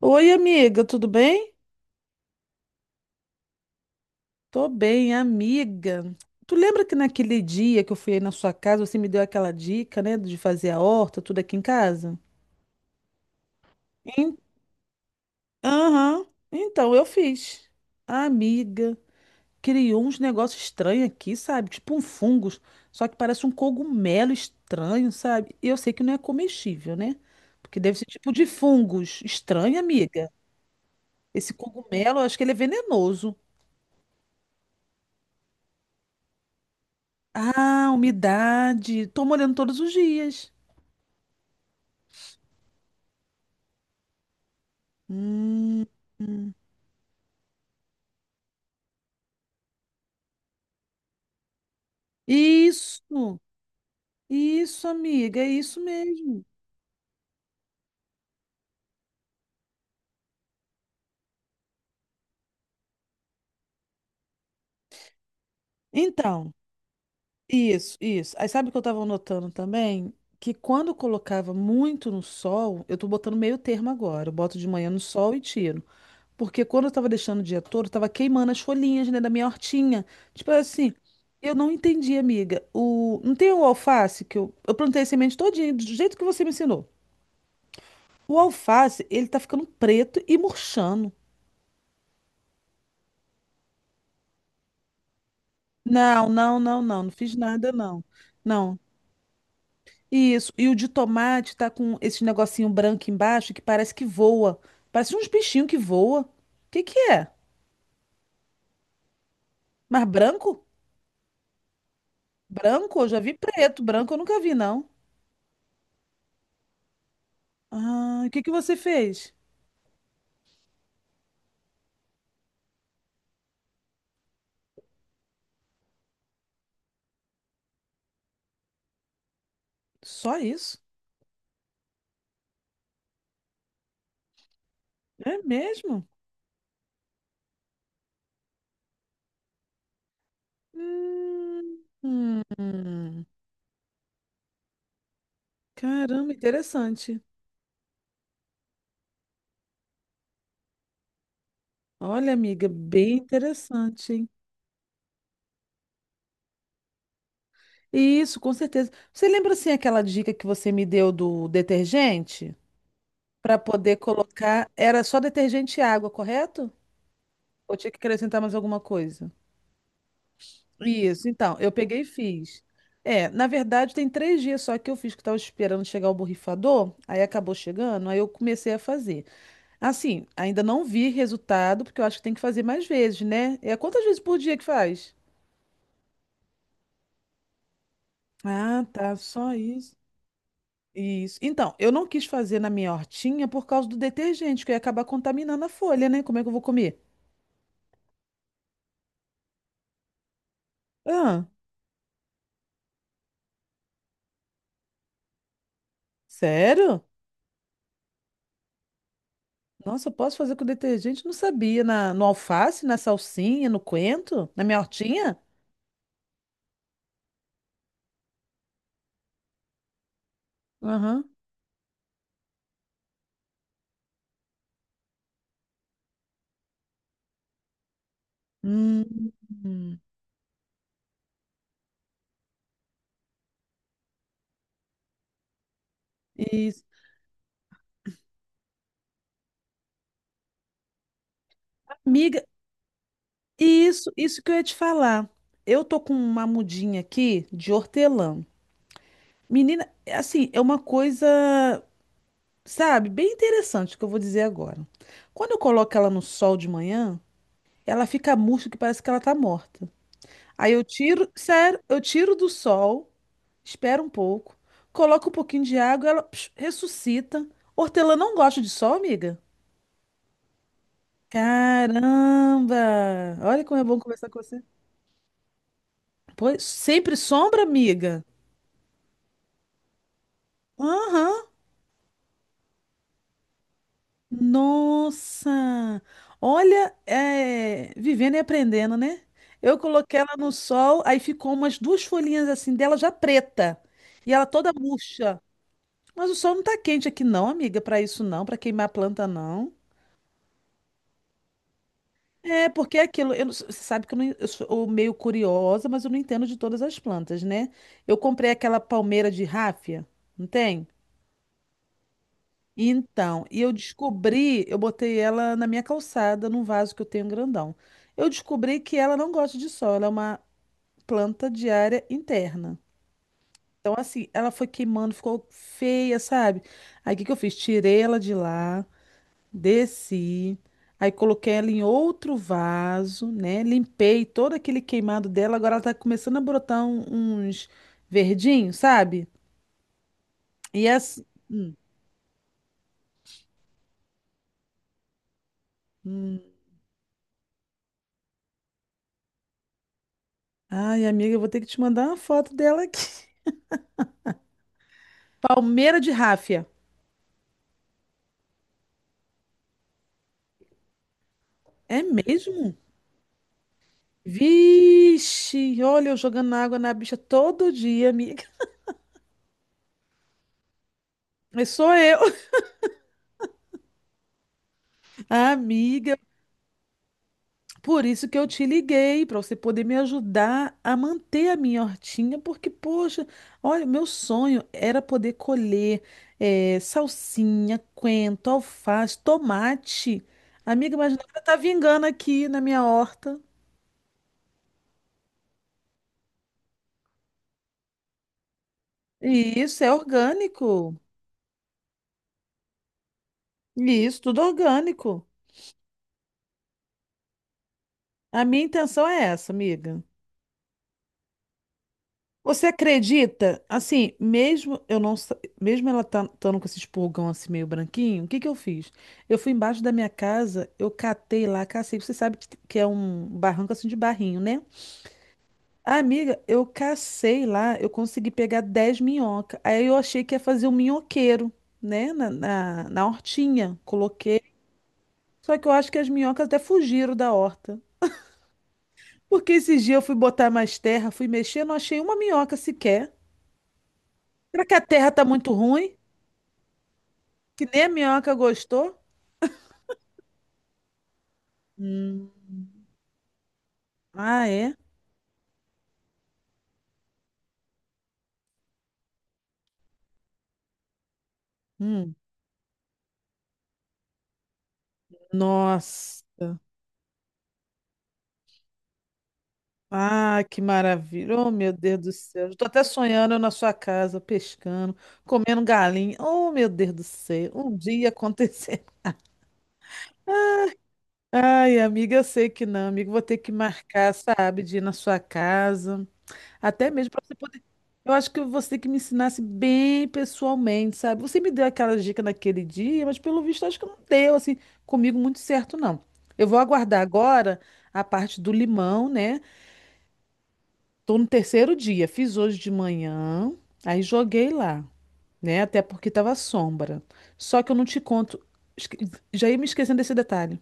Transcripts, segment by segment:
Oi, amiga, tudo bem? Tô bem, amiga. Tu lembra que naquele dia que eu fui aí na sua casa, você me deu aquela dica, né, de fazer a horta, tudo aqui em casa? Em- Aham. Então, eu fiz. A amiga criou uns negócios estranhos aqui, sabe? Tipo um fungos, só que parece um cogumelo estranho, sabe? E eu sei que não é comestível, né? Porque deve ser tipo de fungos. Estranho, amiga. Esse cogumelo, eu acho que ele é venenoso. Ah, umidade. Tô molhando todos os dias. Hum. Isso, isso, amiga, é isso mesmo. Então, isso, isso. Aí sabe o que eu tava notando também? Que quando eu colocava muito no sol, eu tô botando meio termo agora. Eu boto de manhã no sol e tiro. Porque quando eu tava deixando o dia todo, eu tava queimando as folhinhas, né, da minha hortinha. Tipo assim, eu não entendi, amiga. O... Não tem o alface que eu... Eu plantei semente todinha, do jeito que você me ensinou. O alface, ele tá ficando preto e murchando. Não, não, não, não, não fiz nada, não. Não. Isso. E o de tomate tá com esse negocinho branco embaixo que parece que voa. Parece uns bichinhos que voa. O que que é? Mas branco? Branco? Eu já vi preto. Branco eu nunca vi, não. Ah, o que que você fez? Só isso? É mesmo? Hum, hum. Caramba, interessante. Olha, amiga, bem interessante, hein? Isso, com certeza. Você lembra assim aquela dica que você me deu do detergente para poder colocar? Era só detergente e água, correto? Ou tinha que acrescentar mais alguma coisa? Isso, então, eu peguei e fiz. É, na verdade, tem três dias só que eu fiz, que eu tava esperando chegar o borrifador, aí acabou chegando, aí eu comecei a fazer. Assim, ainda não vi resultado, porque eu acho que tem que fazer mais vezes, né? É quantas vezes por dia que faz? Ah, tá, só isso. Isso. Então, eu não quis fazer na minha hortinha por causa do detergente, que eu ia acabar contaminando a folha, né? Como é que eu vou comer? Ah, sério? Nossa, eu posso fazer com detergente? Não sabia. No alface, na salsinha, no coentro, na minha hortinha? Aham. Hum, hum. Isso. Amiga, isso que eu ia te falar. Eu tô com uma mudinha aqui de hortelã. Menina, é assim, é uma coisa, sabe, bem interessante que eu vou dizer agora. Quando eu coloco ela no sol de manhã, ela fica murcha que parece que ela tá morta. Aí eu tiro, sério, eu tiro do sol, espero um pouco, coloco um pouquinho de água, ela psh, ressuscita. Hortelã não gosta de sol, amiga? Caramba! Olha como é bom conversar com você. Pois, sempre sombra, amiga. Aham. Nossa! Olha, é, vivendo e aprendendo, né? Eu coloquei ela no sol, aí ficou umas duas folhinhas assim dela já preta. E ela toda murcha. Mas o sol não tá quente aqui não, amiga, pra isso não, pra queimar a planta não. É, porque é aquilo, eu não- você sabe que eu, não, eu sou meio curiosa, mas eu não entendo de todas as plantas, né? Eu comprei aquela palmeira de ráfia, não tem? Então, e eu descobri, eu botei ela na minha calçada, num vaso que eu tenho grandão. Eu descobri que ela não gosta de sol, ela é uma planta de área interna. Então, assim, ela foi queimando, ficou feia, sabe? Aí, o que que eu fiz? Tirei ela de lá. Desci, aí coloquei ela em outro vaso, né? Limpei todo aquele queimado dela. Agora ela tá começando a brotar uns verdinhos, sabe? E as... Hum. Ai, amiga, eu vou ter que te mandar uma foto dela aqui. Palmeira de ráfia. É mesmo? Vixe, olha eu jogando água na bicha todo dia, amiga. Mas sou eu. Amiga, por isso que eu te liguei, para você poder me ajudar a manter a minha hortinha, porque, poxa, olha, meu sonho era poder colher salsinha, coentro, alface, tomate. Amiga, mas nada tá vingando aqui na minha horta. E isso é orgânico. E isso, tudo orgânico. A minha intenção é essa, amiga. Você acredita? Assim, mesmo eu não, sa- mesmo ela tá estando com esse espulgão assim meio branquinho, o que que eu fiz? Eu fui embaixo da minha casa, eu catei lá, cacei. Você sabe que é um barranco assim de barrinho, né? Amiga, eu cacei lá, eu consegui pegar 10 minhocas. Aí eu achei que ia fazer um minhoqueiro, né? Na hortinha, coloquei. Só que eu acho que as minhocas até fugiram da horta. Porque esses dias eu fui botar mais terra, fui mexer, não achei uma minhoca sequer. Será que a terra tá muito ruim? Que nem a minhoca gostou? Hum. Ah, é? Hum. Nossa. Ah, que maravilha. Oh, meu Deus do céu. Estou até sonhando eu na sua casa, pescando, comendo galinha. Oh, meu Deus do céu. Um dia acontecer. Ai, amiga, eu sei que não, amiga. Vou ter que marcar, sabe, de ir na sua casa. Até mesmo para você poder. Eu acho que você tem que me ensinasse bem pessoalmente, sabe? Você me deu aquela dica naquele dia, mas pelo visto acho que não deu, assim, comigo muito certo, não. Eu vou aguardar agora a parte do limão, né? Tô no terceiro dia, fiz hoje de manhã, aí joguei lá, né? Até porque tava sombra. Só que eu não te conto, esque- já ia me esquecendo desse detalhe.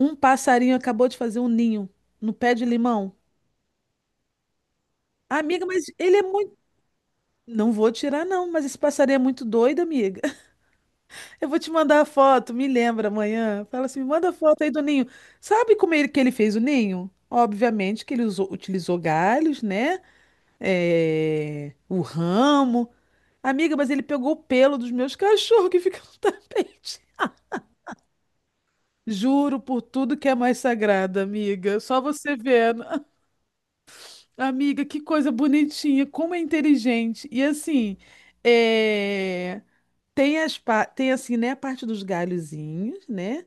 Um passarinho acabou de fazer um ninho no pé de limão. Amiga, mas ele é muito não vou tirar, não, mas esse passarinho é muito doido, amiga. Eu vou te mandar a foto, me lembra amanhã. Fala assim, me manda a foto aí do ninho. Sabe como ele, que ele fez o ninho? Obviamente que ele utilizou galhos, né? É, o ramo. Amiga, mas ele pegou o pelo dos meus cachorros que ficam no tapete. Juro por tudo que é mais sagrado, amiga. Só você vendo. Amiga, que coisa bonitinha, como é inteligente. E assim. É... tem assim, né, a parte dos galhozinhos, né?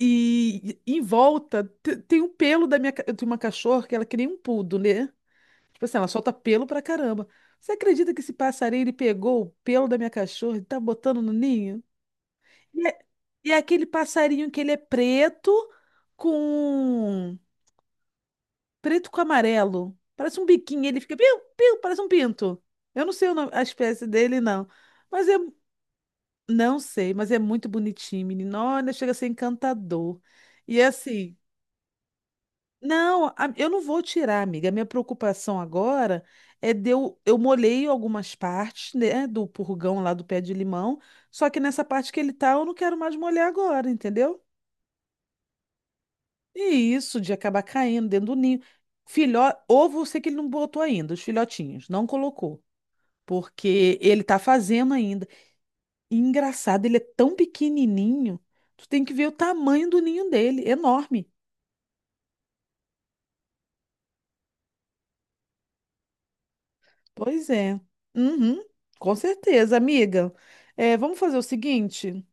E em volta tem um pelo eu tenho uma cachorra que ela é que nem um poodle, né? Tipo assim, ela solta pelo pra caramba. Você acredita que esse passarinho ele pegou o pelo da minha cachorra e tá botando no ninho? E é, e é aquele passarinho que ele é com preto com amarelo. Parece um biquinho, ele fica piu, piu, parece um pinto. Eu não sei a espécie dele, não. Mas é não sei, mas é muito bonitinho, menino. Olha, chega a ser encantador. E é assim, eu não vou tirar, amiga. A minha preocupação agora é de eu molhei algumas partes, né, do purgão lá do pé de limão, só que nessa parte que ele tá, eu não quero mais molhar agora, entendeu? E isso de acabar caindo dentro do ninho. Filhó, ovo, eu sei que ele não botou ainda, os filhotinhos, não colocou, porque ele tá fazendo ainda. E engraçado, ele é tão pequenininho. Tu tem que ver o tamanho do ninho dele, enorme. Pois é. Uhum, com certeza, amiga. É, vamos fazer o seguinte.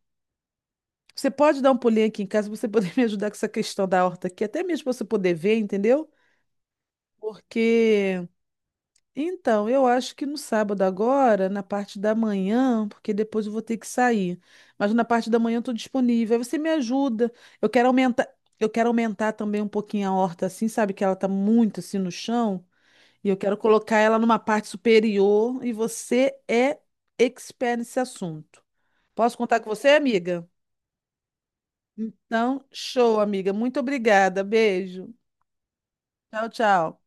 Você pode dar um pulinho aqui em casa para você poder me ajudar com essa questão da horta aqui, até mesmo para você poder ver, entendeu? Porque então, eu acho que no sábado agora, na parte da manhã, porque depois eu vou ter que sair. Mas na parte da manhã eu estou disponível. Aí você me ajuda. Eu quero aumentar, eu quero aumentar também um pouquinho a horta assim, sabe? Que ela tá muito assim no chão. E eu quero colocar ela numa parte superior. E você é expert nesse assunto. Posso contar com você, amiga? Então, show, amiga. Muito obrigada. Beijo. Tchau, tchau.